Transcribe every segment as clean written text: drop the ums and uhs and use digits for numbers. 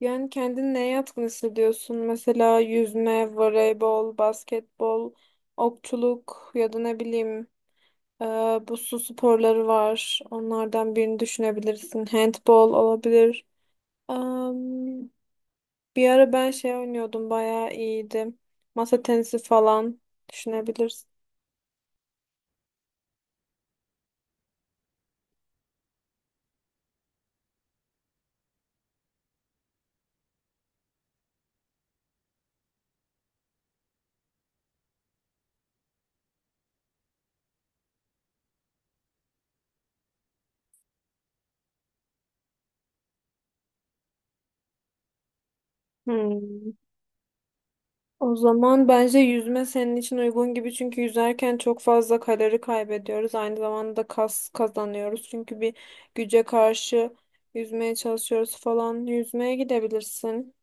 Yani kendini neye yatkın hissediyorsun? Mesela yüzme, voleybol, basketbol, okçuluk ya da ne bileyim ee, bu su sporları var. Onlardan birini düşünebilirsin. Handball olabilir. Am, bir ara ben şey oynuyordum. Bayağı iyiydim. Masa tenisi falan düşünebilirsin. Hmm. O zaman bence yüzme senin için uygun gibi. Çünkü yüzerken çok fazla kalori kaybediyoruz. Aynı zamanda kas kazanıyoruz. Çünkü bir güce karşı yüzmeye çalışıyoruz falan. Yüzmeye gidebilirsin.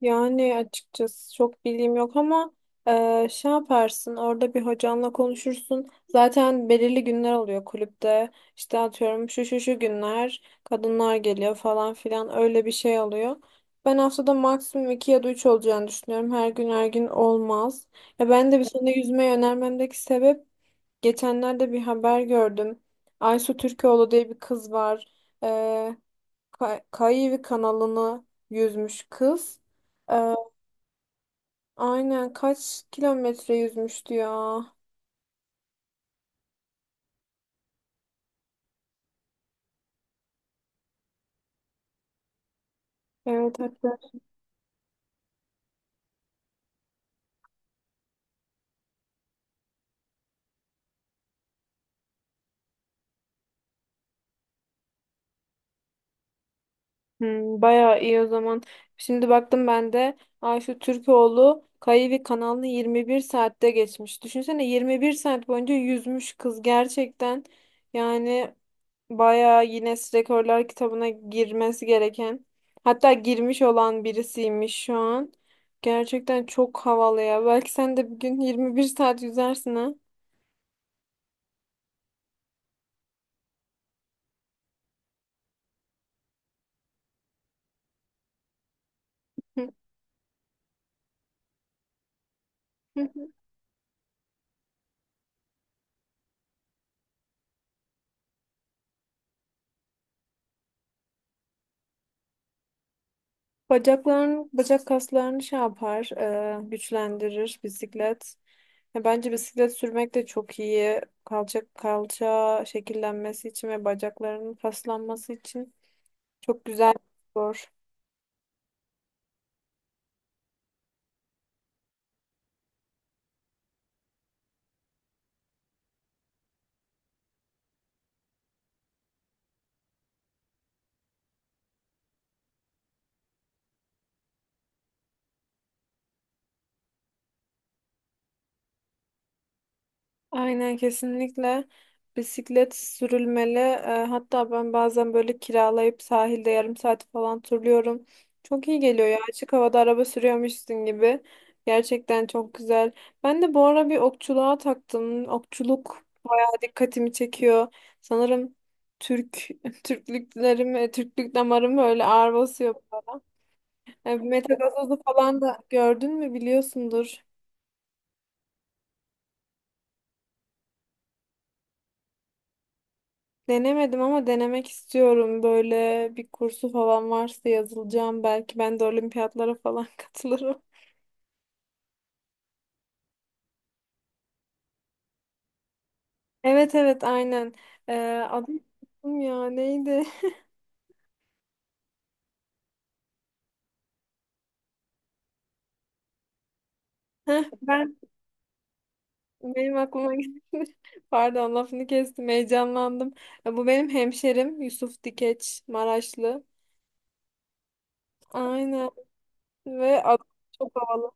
Yani açıkçası çok bilgim yok ama şey yaparsın, orada bir hocanla konuşursun. Zaten belirli günler oluyor kulüpte. İşte atıyorum şu şu şu günler kadınlar geliyor falan filan, öyle bir şey oluyor. Ben haftada maksimum 2 ya da 3 olacağını düşünüyorum. Her gün her gün olmaz. Ya ben de bir sene yüzmeyi önermemdeki sebep, geçenlerde bir haber gördüm. Aysu Türkoğlu diye bir kız var. Eee Kayıvi kanalını yüzmüş kız. Aynen, kaç kilometre yüzmüştü ya. Evet, hatta. Hmm, bayağı iyi o zaman. Şimdi baktım ben de Ayşe Türkoğlu Kayıvi kanalını 21 saatte geçmiş. Düşünsene 21 saat boyunca yüzmüş kız gerçekten. Yani bayağı Guinness Rekorlar kitabına girmesi gereken, hatta girmiş olan birisiymiş şu an. Gerçekten çok havalı ya. Belki sen de bir gün 21 saat yüzersin ha. Bacak kaslarını şey yapar, güçlendirir bisiklet. Ya bence bisiklet sürmek de çok iyi. Kalça şekillenmesi için ve bacaklarının kaslanması için çok güzel bir spor. Aynen, kesinlikle bisiklet sürülmeli. Hatta ben bazen böyle kiralayıp sahilde yarım saat falan turluyorum. Çok iyi geliyor ya, açık havada araba sürüyormuşsun gibi. Gerçekten çok güzel. Ben de bu ara bir okçuluğa taktım. Okçuluk dikkatimi çekiyor. Sanırım Türk Türklüklerim, Türklük damarım böyle ağır basıyor. Metagazozu falan da gördün mü, biliyorsundur. Denemedim ama denemek istiyorum. Böyle bir kursu falan varsa yazılacağım. Belki ben de olimpiyatlara falan katılırım. Evet evet, aynen. E, adı unuttum ya, neydi? Heh, benim aklıma geldi. Pardon, lafını kestim, heyecanlandım. Bu benim hemşerim Yusuf Dikeç Maraşlı. Aynen. Ve at çok havalı.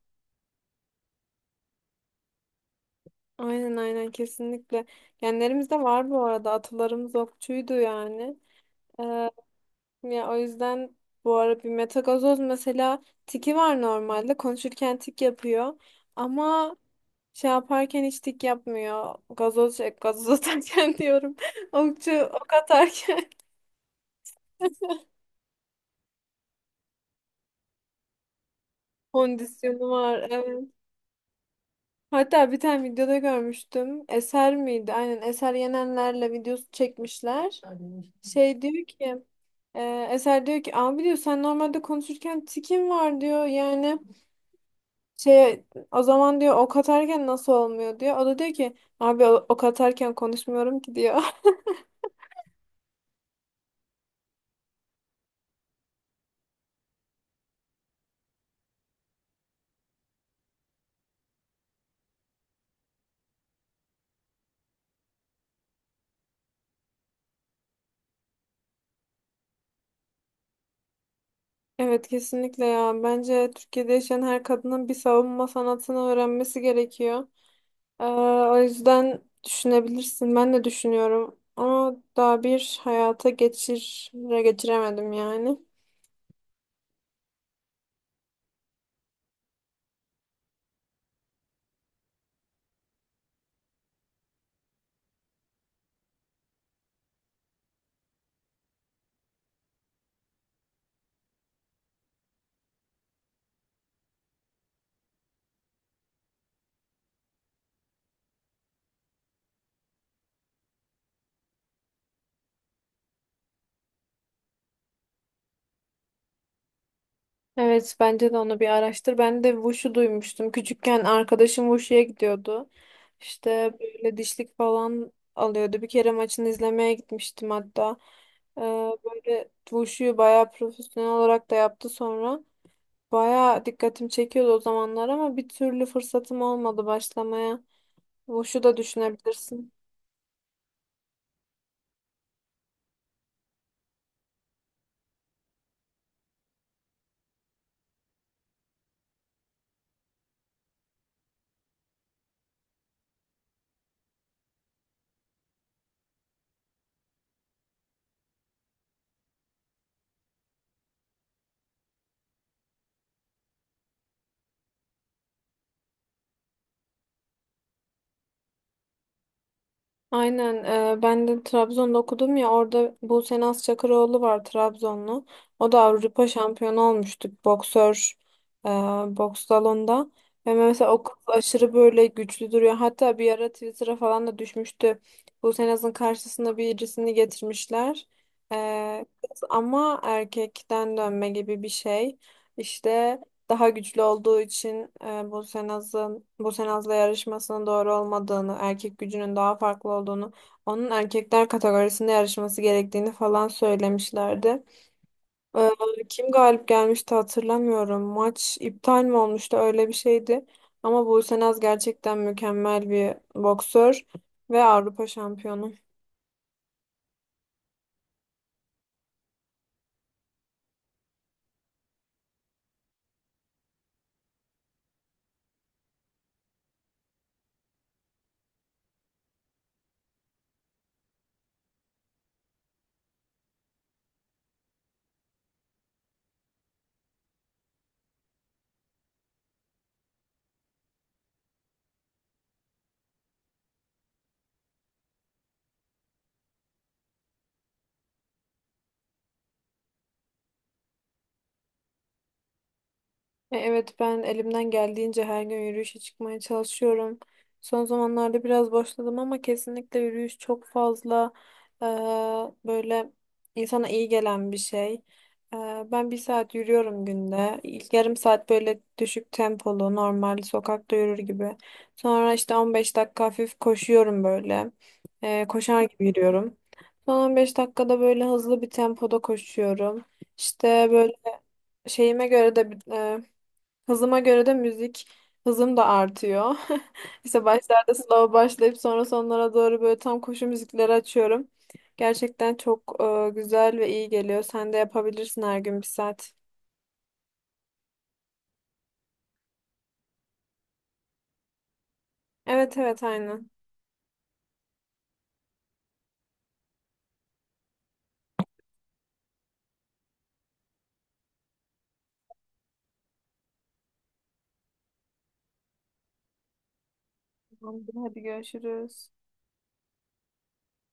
Aynen aynen, kesinlikle. Genlerimizde var bu arada. Atalarımız okçuydu yani. Ee, ya o yüzden bu ara bir metagazoz mesela, tiki var normalde. Konuşurken tik yapıyor. Ama şey yaparken hiç tik yapmıyor. Gazoz atarken diyorum. Okçu ok atarken. Kondisyonu var, evet. Hatta bir tane videoda görmüştüm. Eser miydi? Aynen, Eser Yenenler'le videosu çekmişler. Şey diyor ki, Eser diyor ki, abi diyor, sen normalde konuşurken tikin var diyor, yani şey, o zaman diyor, ok atarken nasıl olmuyor diyor. O da diyor ki, abi ok atarken konuşmuyorum ki diyor. Evet kesinlikle ya, bence Türkiye'de yaşayan her kadının bir savunma sanatını öğrenmesi gerekiyor. Ee, o yüzden düşünebilirsin, ben de düşünüyorum ama daha bir hayata geçiremedim yani. Evet, bence de onu bir araştır. Ben de Wushu duymuştum. Küçükken arkadaşım Wushu'ya gidiyordu. İşte böyle dişlik falan alıyordu. Bir kere maçını izlemeye gitmiştim hatta. Ee, böyle Wushu'yu bayağı profesyonel olarak da yaptı sonra. Bayağı dikkatim çekiyordu o zamanlar ama bir türlü fırsatım olmadı başlamaya. Wushu da düşünebilirsin. Aynen. Ben de Trabzon'da okudum ya, orada Buse Naz Çakıroğlu var, Trabzonlu. O da Avrupa şampiyonu olmuştu, boksör. e, boks salonunda. Ve mesela o kız aşırı böyle güçlü duruyor. Hatta bir ara Twitter'a falan da düşmüştü. Buse Naz'ın karşısına birisini getirmişler. E, kız ama erkekten dönme gibi bir şey. İşte daha güçlü olduğu için Bosenaz'ın Bosenaz'la yarışmasının doğru olmadığını, erkek gücünün daha farklı olduğunu, onun erkekler kategorisinde yarışması gerektiğini falan söylemişlerdi. E, kim galip gelmişti hatırlamıyorum. Maç iptal mi olmuştu, öyle bir şeydi. Ama Bosenaz gerçekten mükemmel bir boksör ve Avrupa şampiyonu. Evet ben elimden geldiğince her gün yürüyüşe çıkmaya çalışıyorum. Son zamanlarda biraz başladım ama kesinlikle yürüyüş çok fazla, e, böyle insana iyi gelen bir şey. E, ben bir saat yürüyorum günde. İlk yarım saat böyle düşük tempolu, normal sokakta yürür gibi. Sonra işte 15 dakika hafif koşuyorum böyle. Koşar gibi yürüyorum. Son 15 dakikada böyle hızlı bir tempoda koşuyorum. İşte böyle şeyime göre de, hızıma göre de müzik hızım da artıyor. İşte başlarda slow başlayıp sonra sonlara doğru böyle tam koşu müzikleri açıyorum. Gerçekten çok güzel ve iyi geliyor. Sen de yapabilirsin, her gün bir saat. Evet evet, aynen. Tamamdır, hadi görüşürüz.